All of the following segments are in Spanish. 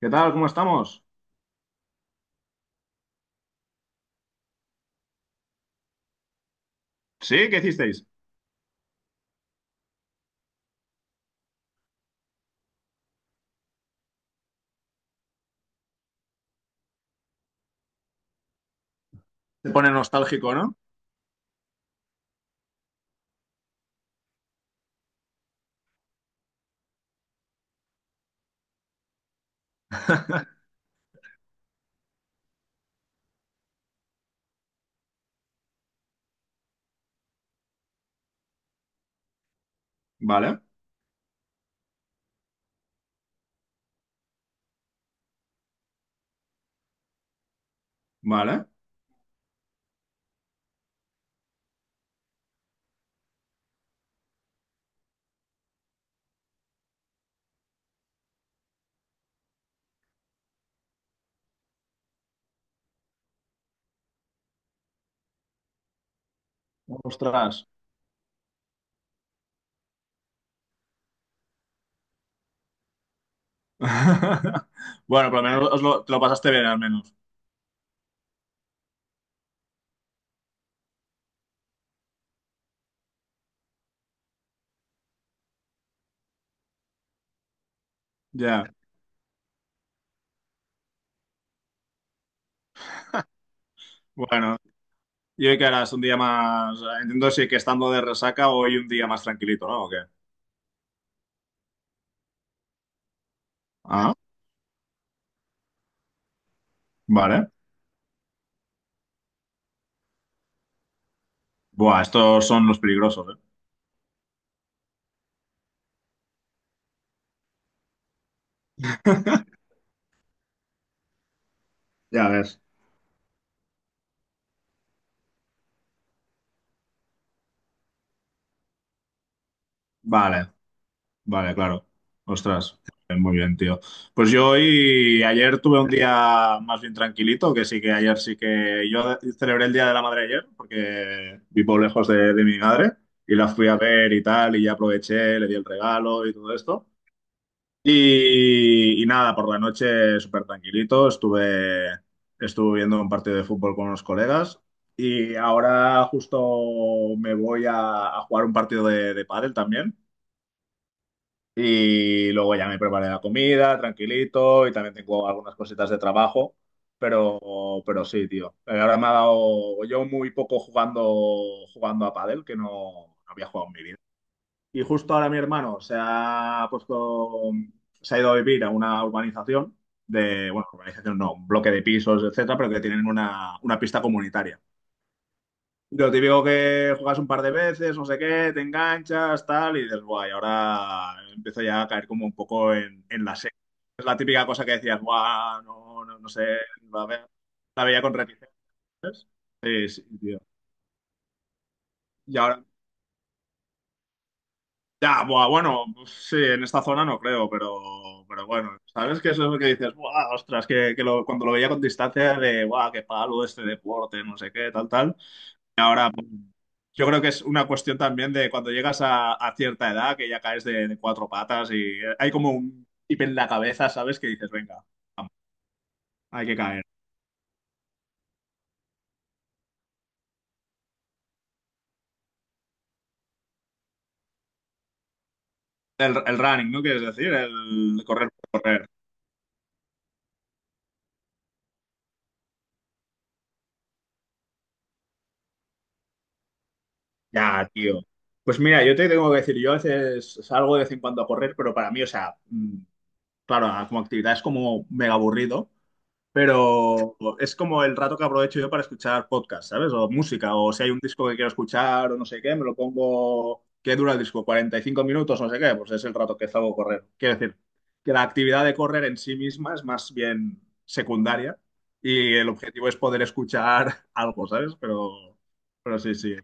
¿Qué tal? ¿Cómo estamos? ¿Sí? ¿Qué hicisteis? Te pone nostálgico, ¿no? Vale, vale. Ostras. Bueno, por lo menos te lo pasaste bien, al menos. Ya. Bueno, ¿y hoy qué harás? ¿Un día más? Entiendo si que estando de resaca hoy un día más tranquilito, ¿no? ¿O qué? Ah, vale. Buah, estos son los peligrosos, ¿eh? Ya ves. Vale. Vale, claro. Ostras, muy bien, tío. Pues yo hoy, ayer tuve un día más bien tranquilito, que sí que ayer sí que yo celebré el Día de la Madre ayer, porque vivo lejos de mi madre y la fui a ver y tal, y ya aproveché, le di el regalo y todo esto. Y nada, por la noche súper tranquilito, estuve viendo un partido de fútbol con unos colegas y ahora justo me voy a jugar un partido de pádel también. Y luego ya me preparé la comida, tranquilito, y también tengo algunas cositas de trabajo, pero sí, tío. Ahora me ha dado yo muy poco jugando a pádel, que no, no había jugado en mi vida. Y justo ahora mi hermano se ha ido a vivir a una urbanización de, bueno, urbanización no, un bloque de pisos, etcétera, pero que tienen una pista comunitaria. Lo típico que juegas un par de veces, no sé qué, te enganchas, tal, y dices, guay, ahora empiezo ya a caer como un poco en la serie. Es la típica cosa que decías, guau, no, no, no sé, la ve- la veía con reticencias. Sí, sí, tío. Y ahora, ya, buah, bueno, pues sí, en esta zona no creo, pero bueno, ¿sabes qué es eso que dices? Buah, ostras, cuando lo veía con distancia de, guau, qué palo este deporte, no sé qué, tal, tal. Ahora, pues, yo creo que es una cuestión también de cuando llegas a cierta edad, que ya caes de cuatro patas y hay como un chip en la cabeza, ¿sabes? Que dices, venga, vamos, hay que caer. El running, ¿no? Quieres decir, el correr por correr. Ya, tío. Pues mira, yo te tengo que decir, yo a veces salgo de vez en cuando a correr, pero para mí, o sea, claro, como actividad es como mega aburrido. Pero es como el rato que aprovecho yo para escuchar podcast, ¿sabes? O música, o si hay un disco que quiero escuchar o no sé qué, me lo pongo. ¿Qué dura el disco? ¿45 minutos? No sé qué, pues es el rato que salgo a correr. Quiero decir, que la actividad de correr en sí misma es más bien secundaria y el objetivo es poder escuchar algo, ¿sabes? Pero sí, sí,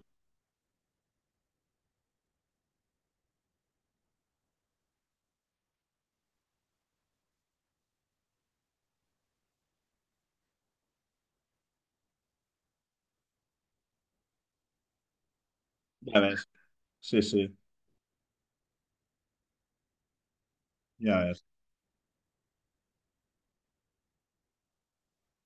ya ves. Sí, sí, ya ves.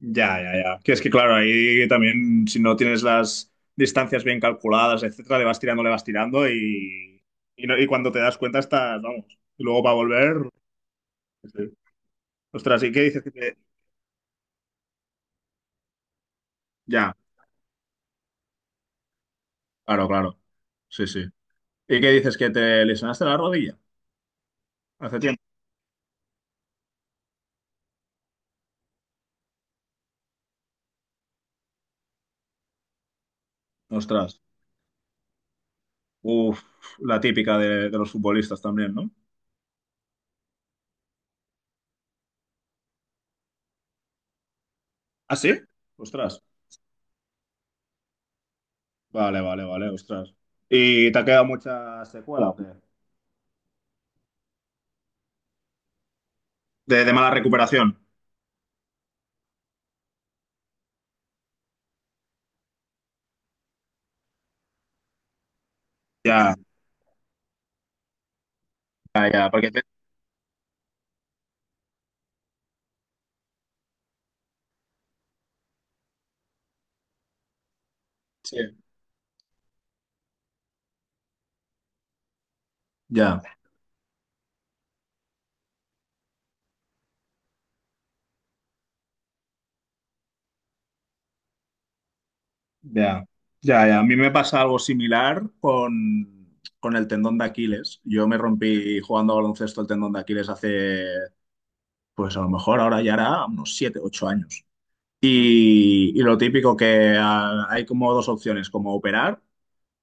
Ya, ya, ya. Que es que, claro, ahí también, si no tienes las distancias bien calculadas, etcétera, le vas tirando y, y cuando te das cuenta estás, vamos. Y luego para volver, sí. Sí. Ostras, ¿y qué dices que te... Ya, claro, claro. Sí, sí. ¿Y qué dices que te lesionaste la rodilla hace tiempo? Ostras. Uf, la típica de los futbolistas también, ¿no? ¿Ah, sí? Ostras. Vale, vale, vale, ostras. ¿Y te ha quedado mucha secuela o qué? De mala recuperación. Ya, ya, ya, porque te- Sí. Ya. Ya, ya, ya. A mí me pasa algo similar con el tendón de Aquiles. Yo me rompí jugando a baloncesto el tendón de Aquiles hace, pues a lo mejor ahora ya era unos 7, 8 años. Y lo típico que hay como dos opciones, como operar.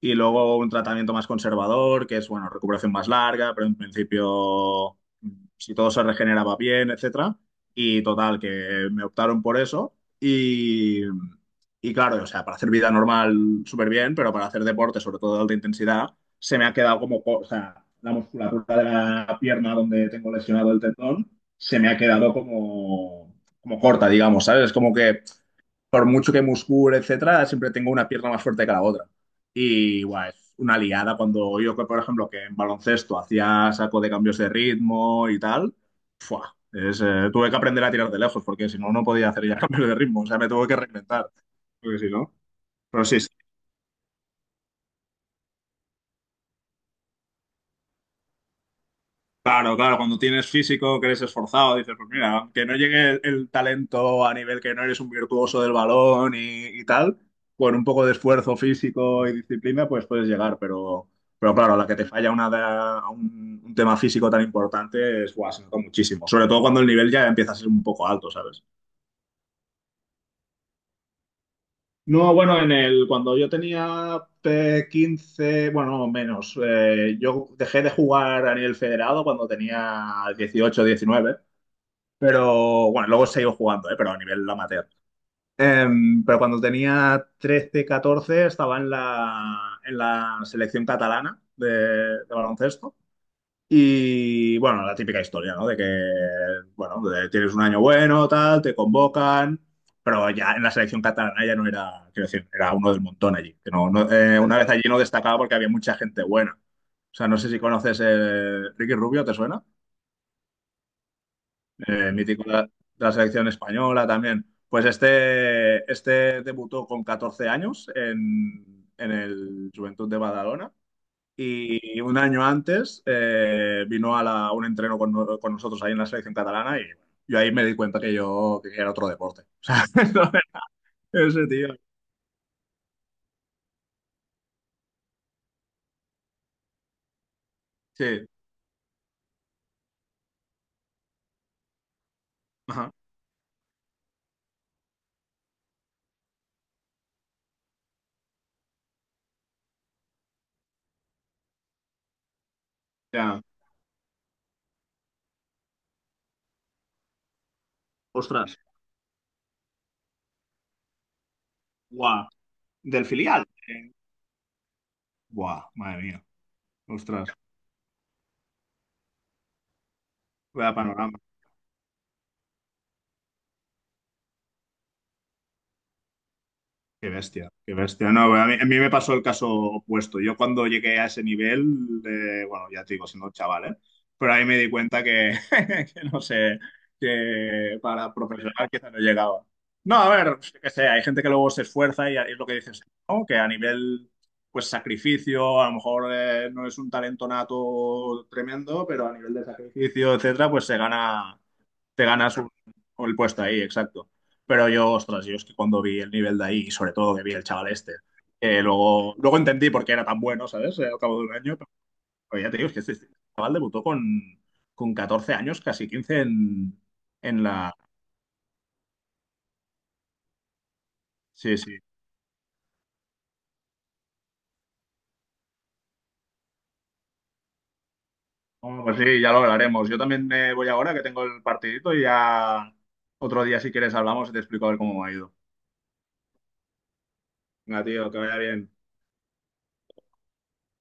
Y luego un tratamiento más conservador, que es, bueno, recuperación más larga, pero en principio, si todo se regeneraba bien, etcétera. Y total, que me optaron por eso. Y, y claro, o sea, para hacer vida normal súper bien, pero para hacer deporte, sobre todo de alta intensidad, se me ha quedado o sea, la musculatura de la pierna donde tengo lesionado el tendón, se me ha quedado como, como corta, digamos, ¿sabes? Es como que por mucho que muscule, etcétera, siempre tengo una pierna más fuerte que la otra. Y guau, es una liada cuando yo, que, por ejemplo, que en baloncesto hacía saco de cambios de ritmo y tal, ¡fua! Tuve que aprender a tirar de lejos porque si no, no podía hacer ya cambios de ritmo, o sea, me tuve que reinventar, porque si no. Pero sí. Claro, claro, cuando tienes físico, que eres esforzado, dices, pues mira, que no llegue el talento a nivel que no eres un virtuoso del balón y tal, con un poco de esfuerzo físico y disciplina, pues puedes llegar, pero claro, a la que te falla un tema físico tan importante es, guau, se nota muchísimo, sobre todo cuando el nivel ya empieza a ser un poco alto, ¿sabes? No, bueno, en el, cuando yo tenía 15, bueno, no, menos, yo dejé de jugar a nivel federado cuando tenía 18, 19. Pero bueno, luego seguí jugando, ¿eh? Pero a nivel amateur. Em, pero cuando tenía 13 14 estaba en la selección catalana de baloncesto. Y bueno, la típica historia, ¿no? De que, bueno, de- tienes un año bueno, tal, te convocan, pero ya en la selección catalana ya no era, quiero decir, era uno del montón allí. Que no, no- una vez allí no destacaba porque había mucha gente buena. O sea, no sé si conoces Ricky Rubio, ¿te suena? Mítico de la selección española también. Pues este debutó con 14 años en el Juventud de Badalona y un año antes vino a un entreno con, no- con nosotros ahí en la selección catalana y yo ahí me di cuenta que yo que era otro deporte. O sea, ese tío. Sí. Ajá. Ya. Ostras. Guau. Del filial. Guau, madre mía. Ostras. Vaya panorama. Qué bestia, qué bestia. No, bueno, a mí me pasó el caso opuesto. Yo cuando llegué a ese nivel, bueno, ya te digo, siendo chaval, ¿eh? Pero ahí me di cuenta que, que no sé, que para profesional quizá no llegaba. No, a ver, yo qué sé, hay gente que luego se esfuerza y es lo que dices, ¿no? Que a nivel, pues, sacrificio, a lo mejor no es un talento nato tremendo, pero a nivel de sacrificio, etcétera, pues se gana, te ganas un- el puesto ahí, exacto. Pero yo, ostras, yo es que cuando vi el nivel de ahí, y sobre todo que vi el chaval este, luego entendí por qué era tan bueno, ¿sabes? Al cabo de un año, pero ya te digo, es que este chaval debutó con 14 años, casi 15 en la... Sí, sí. Bueno, pues sí, ya lo hablaremos. Yo también me voy ahora que tengo el partidito y ya otro día, si quieres, hablamos y te explico a ver cómo me ha ido. Venga, tío, que vaya bien.